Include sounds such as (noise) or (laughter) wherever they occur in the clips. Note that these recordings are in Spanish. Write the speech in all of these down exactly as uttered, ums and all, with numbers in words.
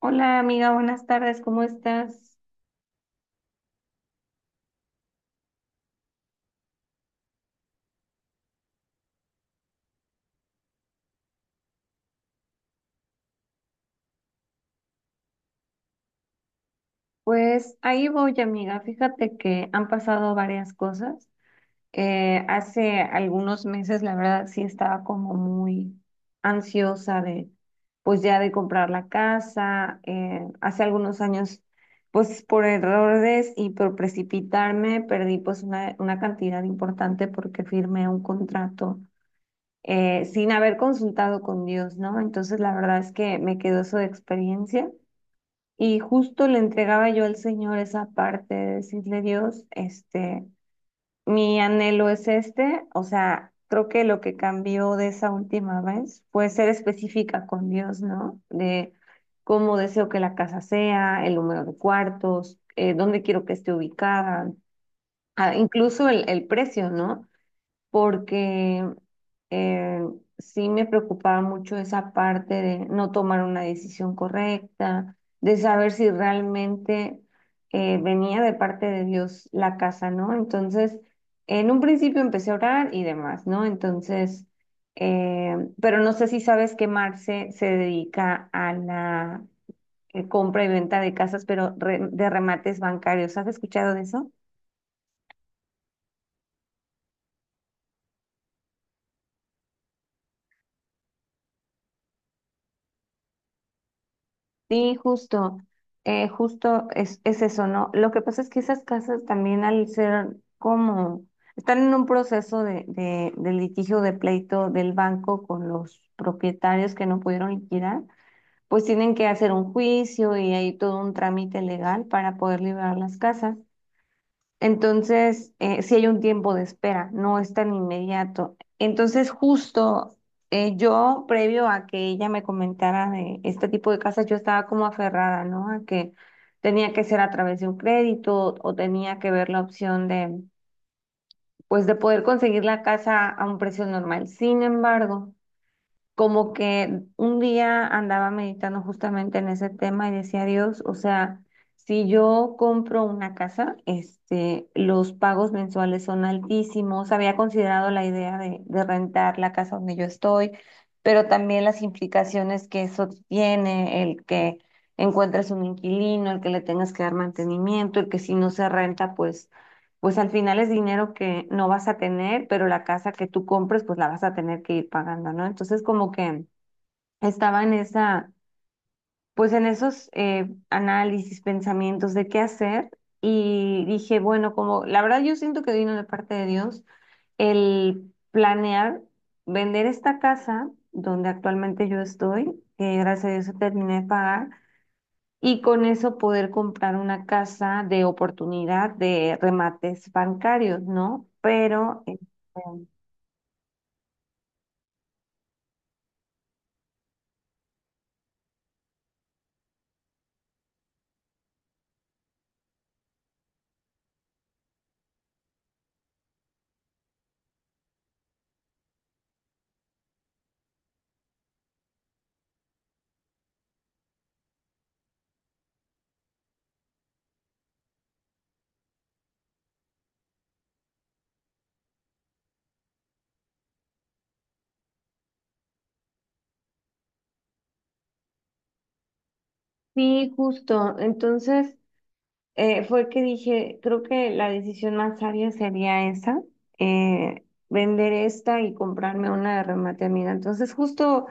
Hola amiga, buenas tardes, ¿cómo estás? Pues ahí voy amiga, fíjate que han pasado varias cosas. Eh, hace algunos meses la verdad sí estaba como muy ansiosa de pues ya de comprar la casa. Eh, hace algunos años pues por errores y por precipitarme perdí pues una, una cantidad importante porque firmé un contrato eh, sin haber consultado con Dios, ¿no? Entonces la verdad es que me quedó su experiencia y justo le entregaba yo al Señor esa parte de decirle, Dios, este, mi anhelo es este, o sea, creo que lo que cambió de esa última vez fue ser específica con Dios, ¿no? De cómo deseo que la casa sea, el número de cuartos, eh, dónde quiero que esté ubicada, ah, incluso el, el precio, ¿no? Porque eh, sí me preocupaba mucho esa parte de no tomar una decisión correcta, de saber si realmente eh, venía de parte de Dios la casa, ¿no? Entonces, en un principio empecé a orar y demás, ¿no? Entonces, eh, pero no sé si sabes que Marce se dedica a la eh, compra y venta de casas, pero re- de remates bancarios. ¿Has escuchado de eso? Sí, justo, eh, justo es, es eso, ¿no? Lo que pasa es que esas casas también al ser como, están en un proceso de, de, de litigio de pleito del banco con los propietarios que no pudieron liquidar, pues tienen que hacer un juicio y hay todo un trámite legal para poder liberar las casas. Entonces, eh, sí hay un tiempo de espera, no es tan inmediato. Entonces, justo eh, yo, previo a que ella me comentara de este tipo de casas, yo estaba como aferrada, ¿no? A que tenía que ser a través de un crédito o tenía que ver la opción de, pues, de poder conseguir la casa a un precio normal. Sin embargo, como que un día andaba meditando justamente en ese tema y decía Dios, o sea, si yo compro una casa, este, los pagos mensuales son altísimos. Había considerado la idea de, de rentar la casa donde yo estoy, pero también las implicaciones que eso tiene, el que encuentres un inquilino, el que le tengas que dar mantenimiento, el que si no se renta, pues pues al final es dinero que no vas a tener, pero la casa que tú compres, pues la vas a tener que ir pagando, ¿no? Entonces, como que estaba en esa, pues en esos eh, análisis, pensamientos de qué hacer, y dije, bueno, como la verdad yo siento que vino de parte de Dios el planear vender esta casa donde actualmente yo estoy, que gracias a Dios terminé de pagar, y con eso poder comprar una casa de oportunidad de remates bancarios, ¿no? Pero eh, sí, justo. Entonces eh, fue que dije, creo que la decisión más sabia sería esa, eh, vender esta y comprarme una de remate amiga. Entonces justo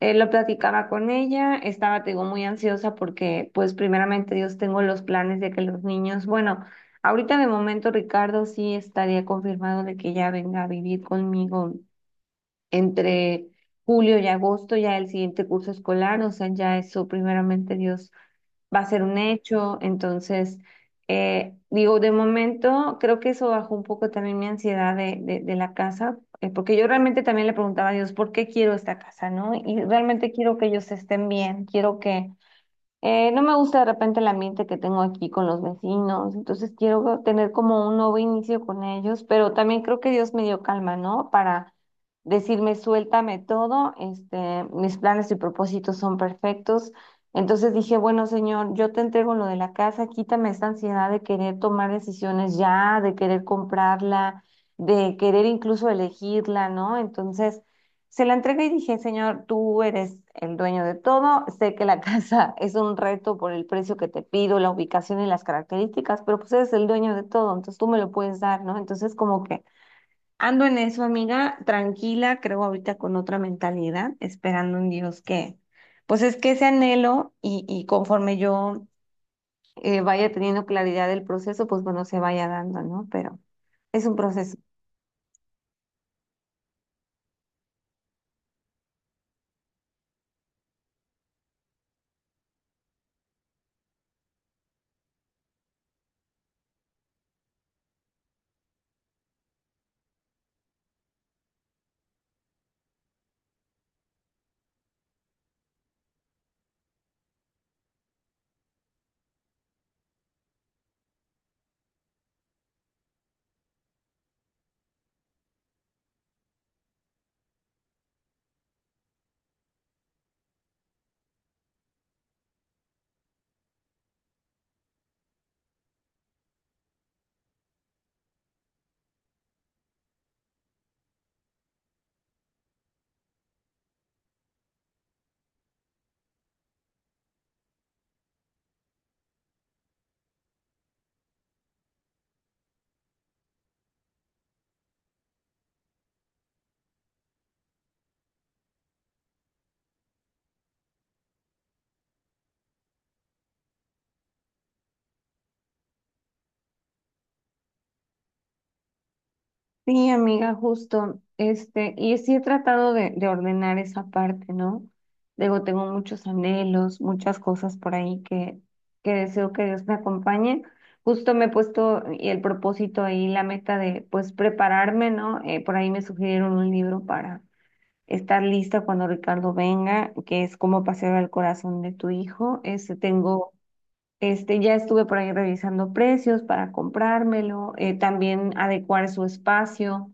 eh, lo platicaba con ella, estaba, te digo, muy ansiosa porque, pues, primeramente Dios, tengo los planes de que los niños, bueno, ahorita de momento Ricardo sí estaría confirmado de que ya venga a vivir conmigo entre julio y agosto, ya el siguiente curso escolar, o sea, ya eso primeramente Dios va a ser un hecho. Entonces, eh, digo, de momento creo que eso bajó un poco también mi ansiedad de, de, de la casa, eh, porque yo realmente también le preguntaba a Dios, ¿por qué quiero esta casa, no? Y realmente quiero que ellos estén bien, quiero que eh, no me gusta de repente el ambiente que tengo aquí con los vecinos, entonces quiero tener como un nuevo inicio con ellos, pero también creo que Dios me dio calma, ¿no? Para decirme, suéltame todo, este, mis planes y propósitos son perfectos. Entonces dije, bueno, Señor, yo te entrego lo de la casa, quítame esta ansiedad de querer tomar decisiones ya, de querer comprarla, de querer incluso elegirla, ¿no? Entonces se la entregué y dije, señor, tú eres el dueño de todo, sé que la (laughs) casa es un reto por el precio que te pido, la ubicación y las características, pero pues eres el dueño de todo, entonces tú me lo puedes dar, ¿no? Entonces como que ando en eso, amiga, tranquila, creo ahorita con otra mentalidad, esperando un Dios que, pues es que ese anhelo y, y conforme yo eh, vaya teniendo claridad del proceso, pues bueno, se vaya dando, ¿no? Pero es un proceso. Sí, amiga, justo, este, y sí he tratado de, de ordenar esa parte, ¿no? Luego tengo muchos anhelos, muchas cosas por ahí que, que deseo que Dios me acompañe. Justo me he puesto y el propósito ahí, la meta de, pues, prepararme, ¿no? Eh, por ahí me sugirieron un libro para estar lista cuando Ricardo venga, que es Cómo pasear al corazón de tu hijo. Este, tengo este, ya estuve por ahí revisando precios para comprármelo, eh, también adecuar su espacio,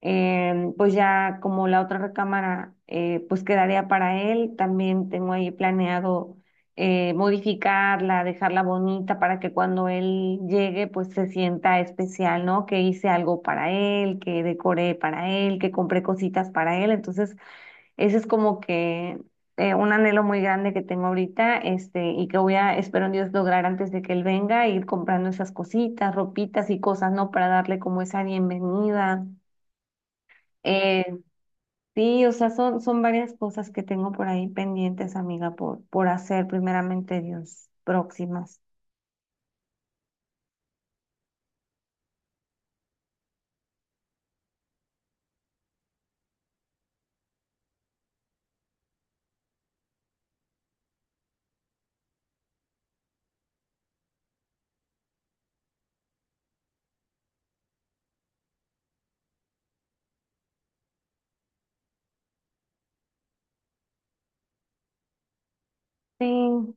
em, pues ya como la otra recámara eh, pues quedaría para él, también tengo ahí planeado eh, modificarla, dejarla bonita para que cuando él llegue pues se sienta especial, ¿no? Que hice algo para él, que decoré para él, que compré cositas para él, entonces ese es como que eh, un anhelo muy grande que tengo ahorita, este, y que voy a, espero en Dios, lograr antes de que él venga, ir comprando esas cositas, ropitas y cosas, ¿no? Para darle como esa bienvenida. Eh, sí, o sea, son, son varias cosas que tengo por ahí pendientes, amiga, por, por hacer primeramente Dios, próximas. Sí.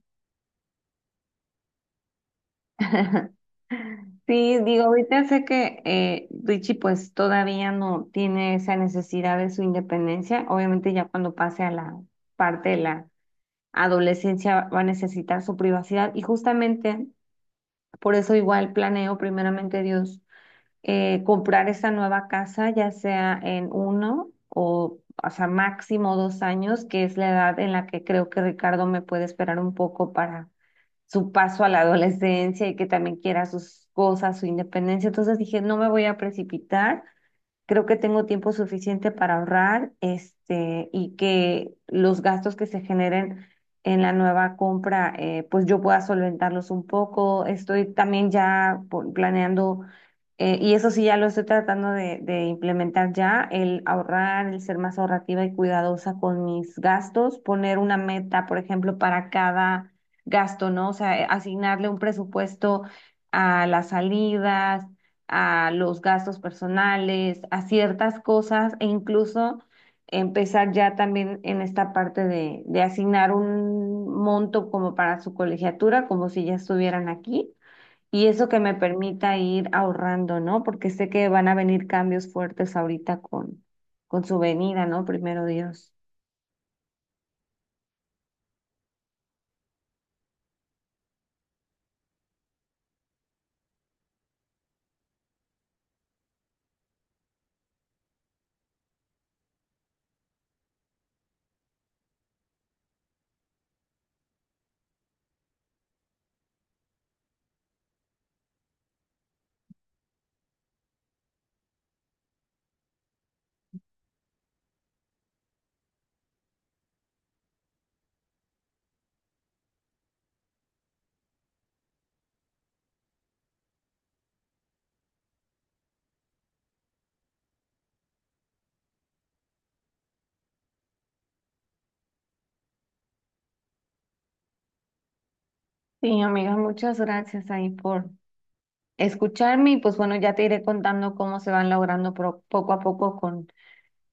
(laughs) Sí, digo, ahorita sé que eh, Richie pues todavía no tiene esa necesidad de su independencia. Obviamente ya cuando pase a la parte de la adolescencia va a necesitar su privacidad y justamente por eso igual planeo primeramente Dios eh, comprar esa nueva casa, ya sea en uno o, o sea, máximo dos años, que es la edad en la que creo que Ricardo me puede esperar un poco para su paso a la adolescencia y que también quiera sus cosas, su independencia. Entonces dije, no me voy a precipitar. Creo que tengo tiempo suficiente para ahorrar, este, y que los gastos que se generen en la nueva compra, eh, pues yo pueda solventarlos un poco. Estoy también ya por- planeando, eh, y eso sí ya lo estoy tratando de, de implementar ya, el ahorrar, el ser más ahorrativa y cuidadosa con mis gastos, poner una meta, por ejemplo, para cada gasto, ¿no? O sea, asignarle un presupuesto a las salidas a los gastos personales, a ciertas cosas e incluso empezar ya también en esta parte de, de asignar un monto como para su colegiatura, como si ya estuvieran aquí. Y eso que me permita ir ahorrando, ¿no? Porque sé que van a venir cambios fuertes ahorita con, con su venida, ¿no? Primero Dios. Sí, amiga, muchas gracias ahí por escucharme y pues bueno, ya te iré contando cómo se van logrando pro- poco a poco con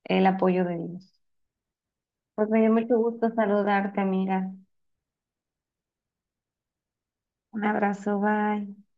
el apoyo de Dios. Pues me dio mucho gusto saludarte, amiga. Un abrazo, bye.